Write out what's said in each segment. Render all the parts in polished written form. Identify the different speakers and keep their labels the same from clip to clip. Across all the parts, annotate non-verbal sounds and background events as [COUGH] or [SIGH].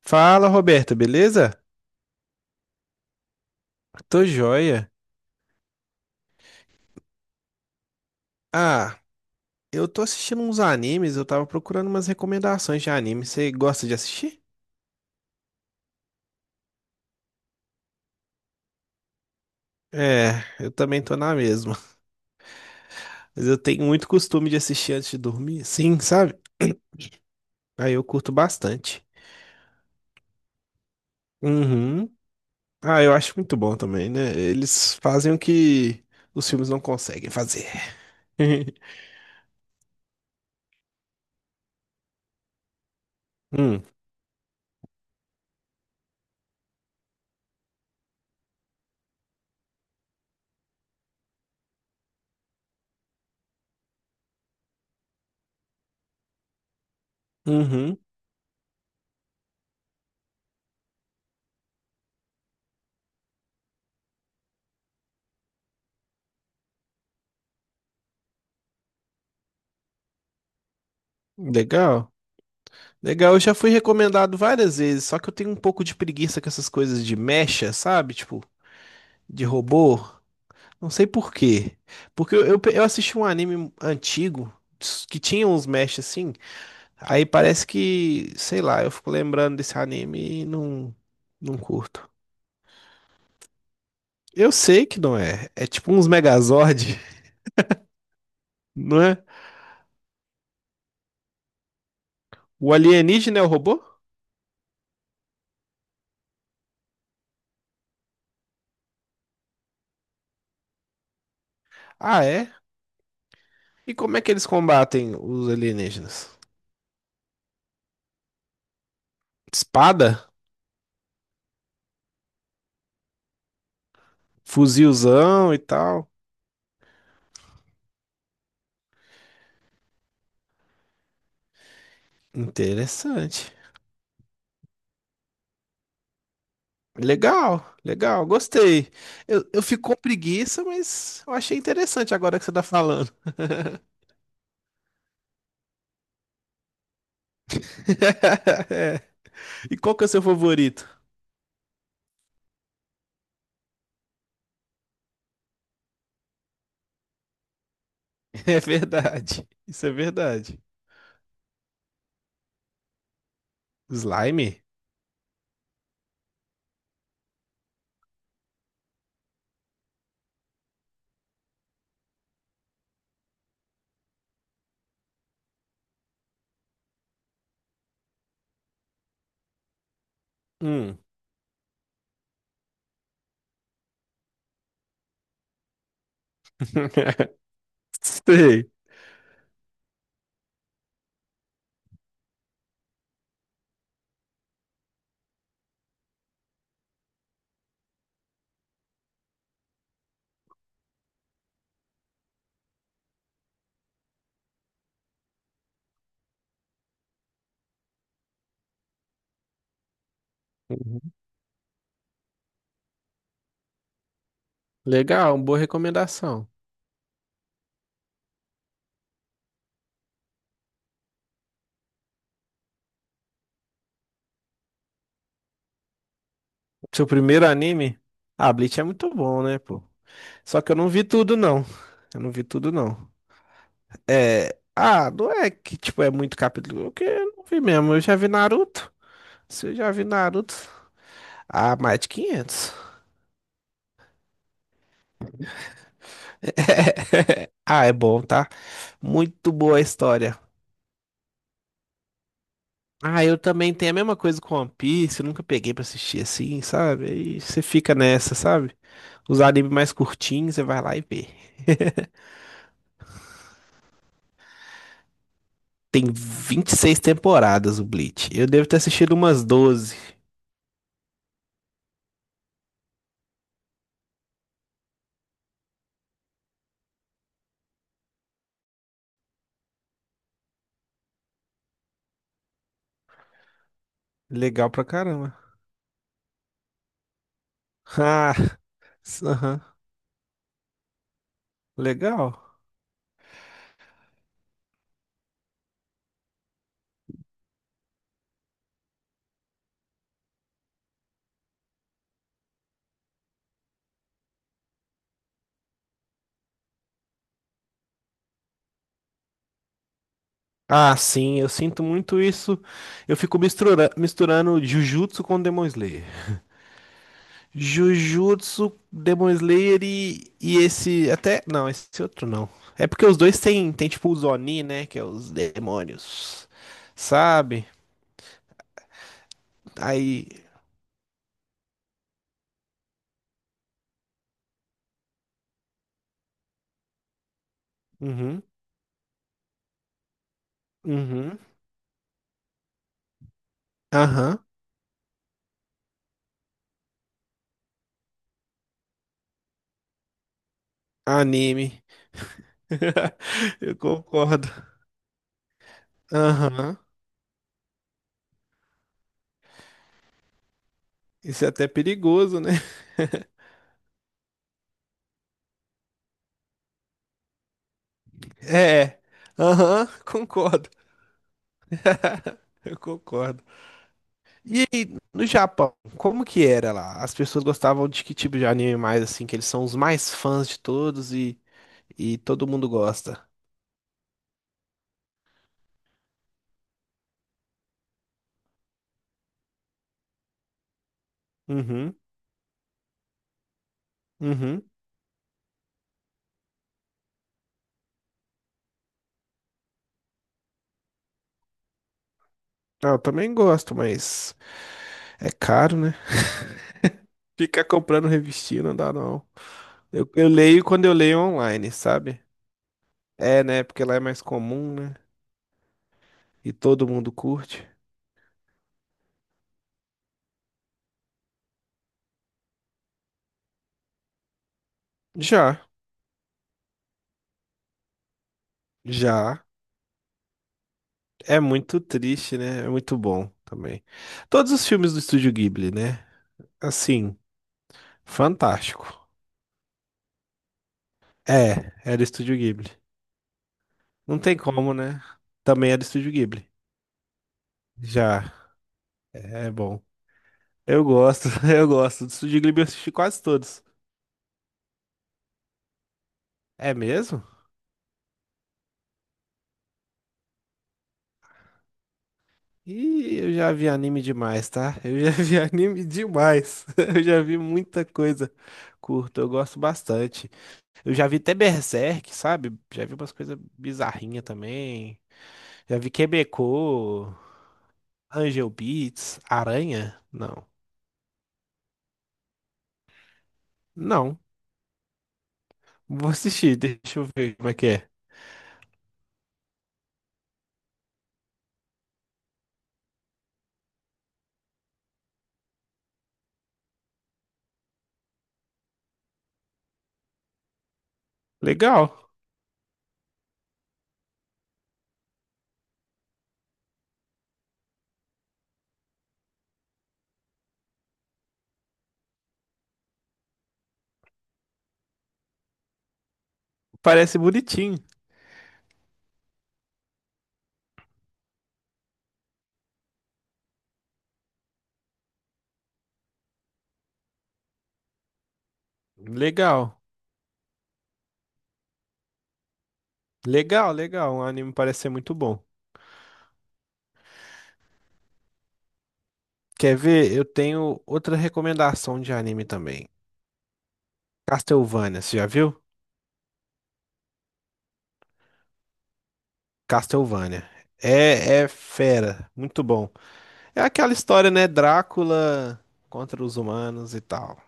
Speaker 1: Fala, Roberta, beleza? Tô joia. Ah, eu tô assistindo uns animes, eu tava procurando umas recomendações de anime. Você gosta de assistir? É, eu também tô na mesma. [LAUGHS] Mas eu tenho muito costume de assistir antes de dormir, sim, sabe? Aí eu curto bastante. Uhum. Ah, eu acho muito bom também, né? Eles fazem o que os filmes não conseguem fazer. [LAUGHS] Hum, uhum, legal. Legal, eu já fui recomendado várias vezes, só que eu tenho um pouco de preguiça com essas coisas de mecha, sabe? Tipo, de robô? Não sei por quê. Porque eu assisti um anime antigo que tinha uns mesh assim. Aí parece que, sei lá, eu fico lembrando desse anime e não curto. Eu sei que não é. É tipo uns Megazord, [LAUGHS] não é? O alienígena é o robô? Ah, é? E como é que eles combatem os alienígenas? Espada? Fuzilzão e tal? Interessante. Legal, legal, gostei. Eu fico com preguiça, mas eu achei interessante agora que você tá falando. [LAUGHS] É. E qual que é o seu favorito? [LAUGHS] É verdade, isso é verdade. Slime? Hum. [LAUGHS] Sei. Uhum. Legal, uma boa recomendação. Seu primeiro anime? Ah, Bleach é muito bom, né, pô? Só que eu não vi tudo, não. Eu não vi tudo, não. É. Ah, não é que, tipo, é muito capítulo. Porque eu não vi mesmo. Eu já vi Naruto. Se eu já vi Naruto. Ah, mais de 500. Ah, é bom, tá? Muito boa a história. Ah, eu também tenho a mesma coisa com One Piece, eu nunca peguei pra assistir assim, sabe? Aí você fica nessa, sabe? Os animes mais curtinhos, você vai lá e vê. [LAUGHS] Tem 26 temporadas o Bleach. Eu devo ter assistido umas 12. Legal pra caramba. [LAUGHS] Ah, s- aham, legal. Ah, sim, eu sinto muito isso. Eu fico misturando, misturando Jujutsu com Demon Slayer. Jujutsu, Demon Slayer e esse. Até. Não, esse outro não. É porque os dois têm, tem tipo os Oni, né? Que é os demônios. Sabe? Aí. Uhum. Uhum. Aham. Anime. [LAUGHS] Eu concordo. Aham. Isso é até perigoso, né? É. Aham, concordo. [LAUGHS] Eu concordo. E aí, no Japão, como que era lá? As pessoas gostavam de que tipo de anime mais, assim, que eles são os mais fãs de todos e todo mundo gosta. Uhum, uhum. Ah, eu também gosto, mas é caro, né? Ficar comprando revistinha não dá, não. Eu leio quando eu leio online, sabe? É, né? Porque lá é mais comum, né? E todo mundo curte. Já, já. É muito triste, né? É muito bom também. Todos os filmes do Estúdio Ghibli, né? Assim. Fantástico. É, era Estúdio Ghibli. Não tem como, né? Também era Estúdio Ghibli. Já, é bom. Eu gosto, [LAUGHS] eu gosto. Do Estúdio Ghibli eu assisti quase todos. É mesmo? Ih, eu já vi anime demais, tá? Eu já [LAUGHS] vi anime demais. [LAUGHS] Eu já vi muita coisa curta, eu gosto bastante. Eu já vi até Berserk, sabe? Já vi umas coisas bizarrinhas também. Já vi Quebecô, Angel Beats, Aranha? Não. Não. Vou assistir, deixa eu ver como é que é. Legal, parece bonitinho. Legal, legal, legal. O anime parece ser muito bom. Quer ver? Eu tenho outra recomendação de anime também. Castlevania, você já viu? Castlevania. É, é fera, muito bom. É aquela história, né? Drácula contra os humanos e tal.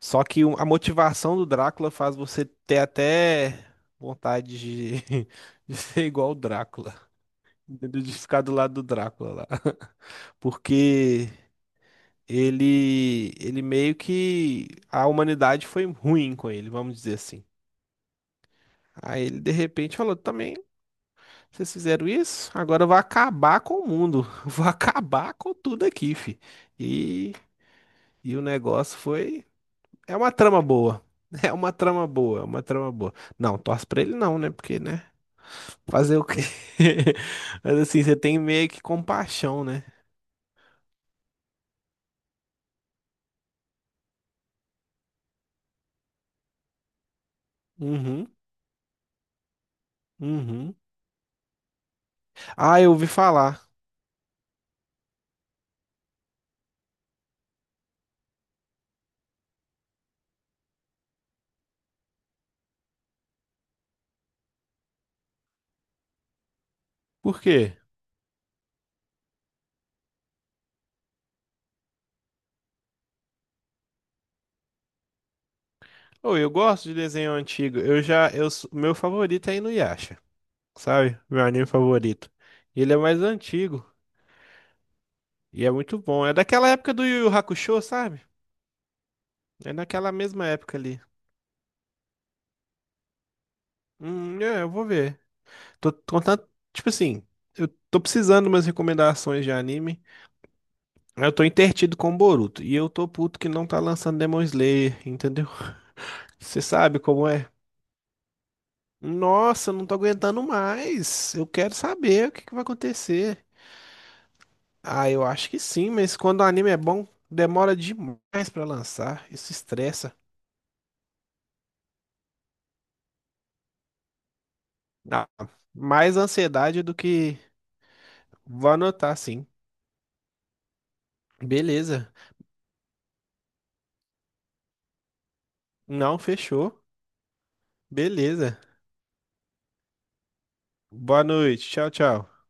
Speaker 1: Só que o- a motivação do Drácula faz você ter até vontade de, [LAUGHS] de ser igual o Drácula, de ficar do lado do Drácula lá. Porque ele meio que a humanidade foi ruim com ele, vamos dizer assim. Aí ele de repente falou: também, vocês fizeram isso? Agora eu vou acabar com o mundo, [LAUGHS] vou acabar com tudo aqui, fi. E, e o negócio foi. É uma trama boa. [LAUGHS] É uma trama boa, é uma trama boa. Não, torce pra ele não, né? Porque, né? Fazer o quê? [LAUGHS] Mas assim, você tem meio que compaixão, né? Uhum, uhum. Ah, eu ouvi falar. Por quê? Oh, eu gosto de desenho antigo. Eu já, eu, sou- meu favorito é Inuyasha, sabe? Meu anime favorito. Ele é mais antigo e é muito bom. É daquela época do Yu Yu Hakusho, sabe? É daquela mesma época ali. É, eu vou ver. Tô contando, tipo assim, eu tô precisando de umas recomendações de anime. Eu tô entretido com o Boruto e eu tô puto que não tá lançando Demon Slayer, entendeu? Você sabe como é? Nossa, eu não tô aguentando mais. Eu quero saber o que que vai acontecer. Ah, eu acho que sim, mas quando o anime é bom, demora demais pra lançar. Isso estressa. Dá mais ansiedade do que vou anotar, sim. Beleza. Não fechou. Beleza. Boa noite. Tchau, tchau.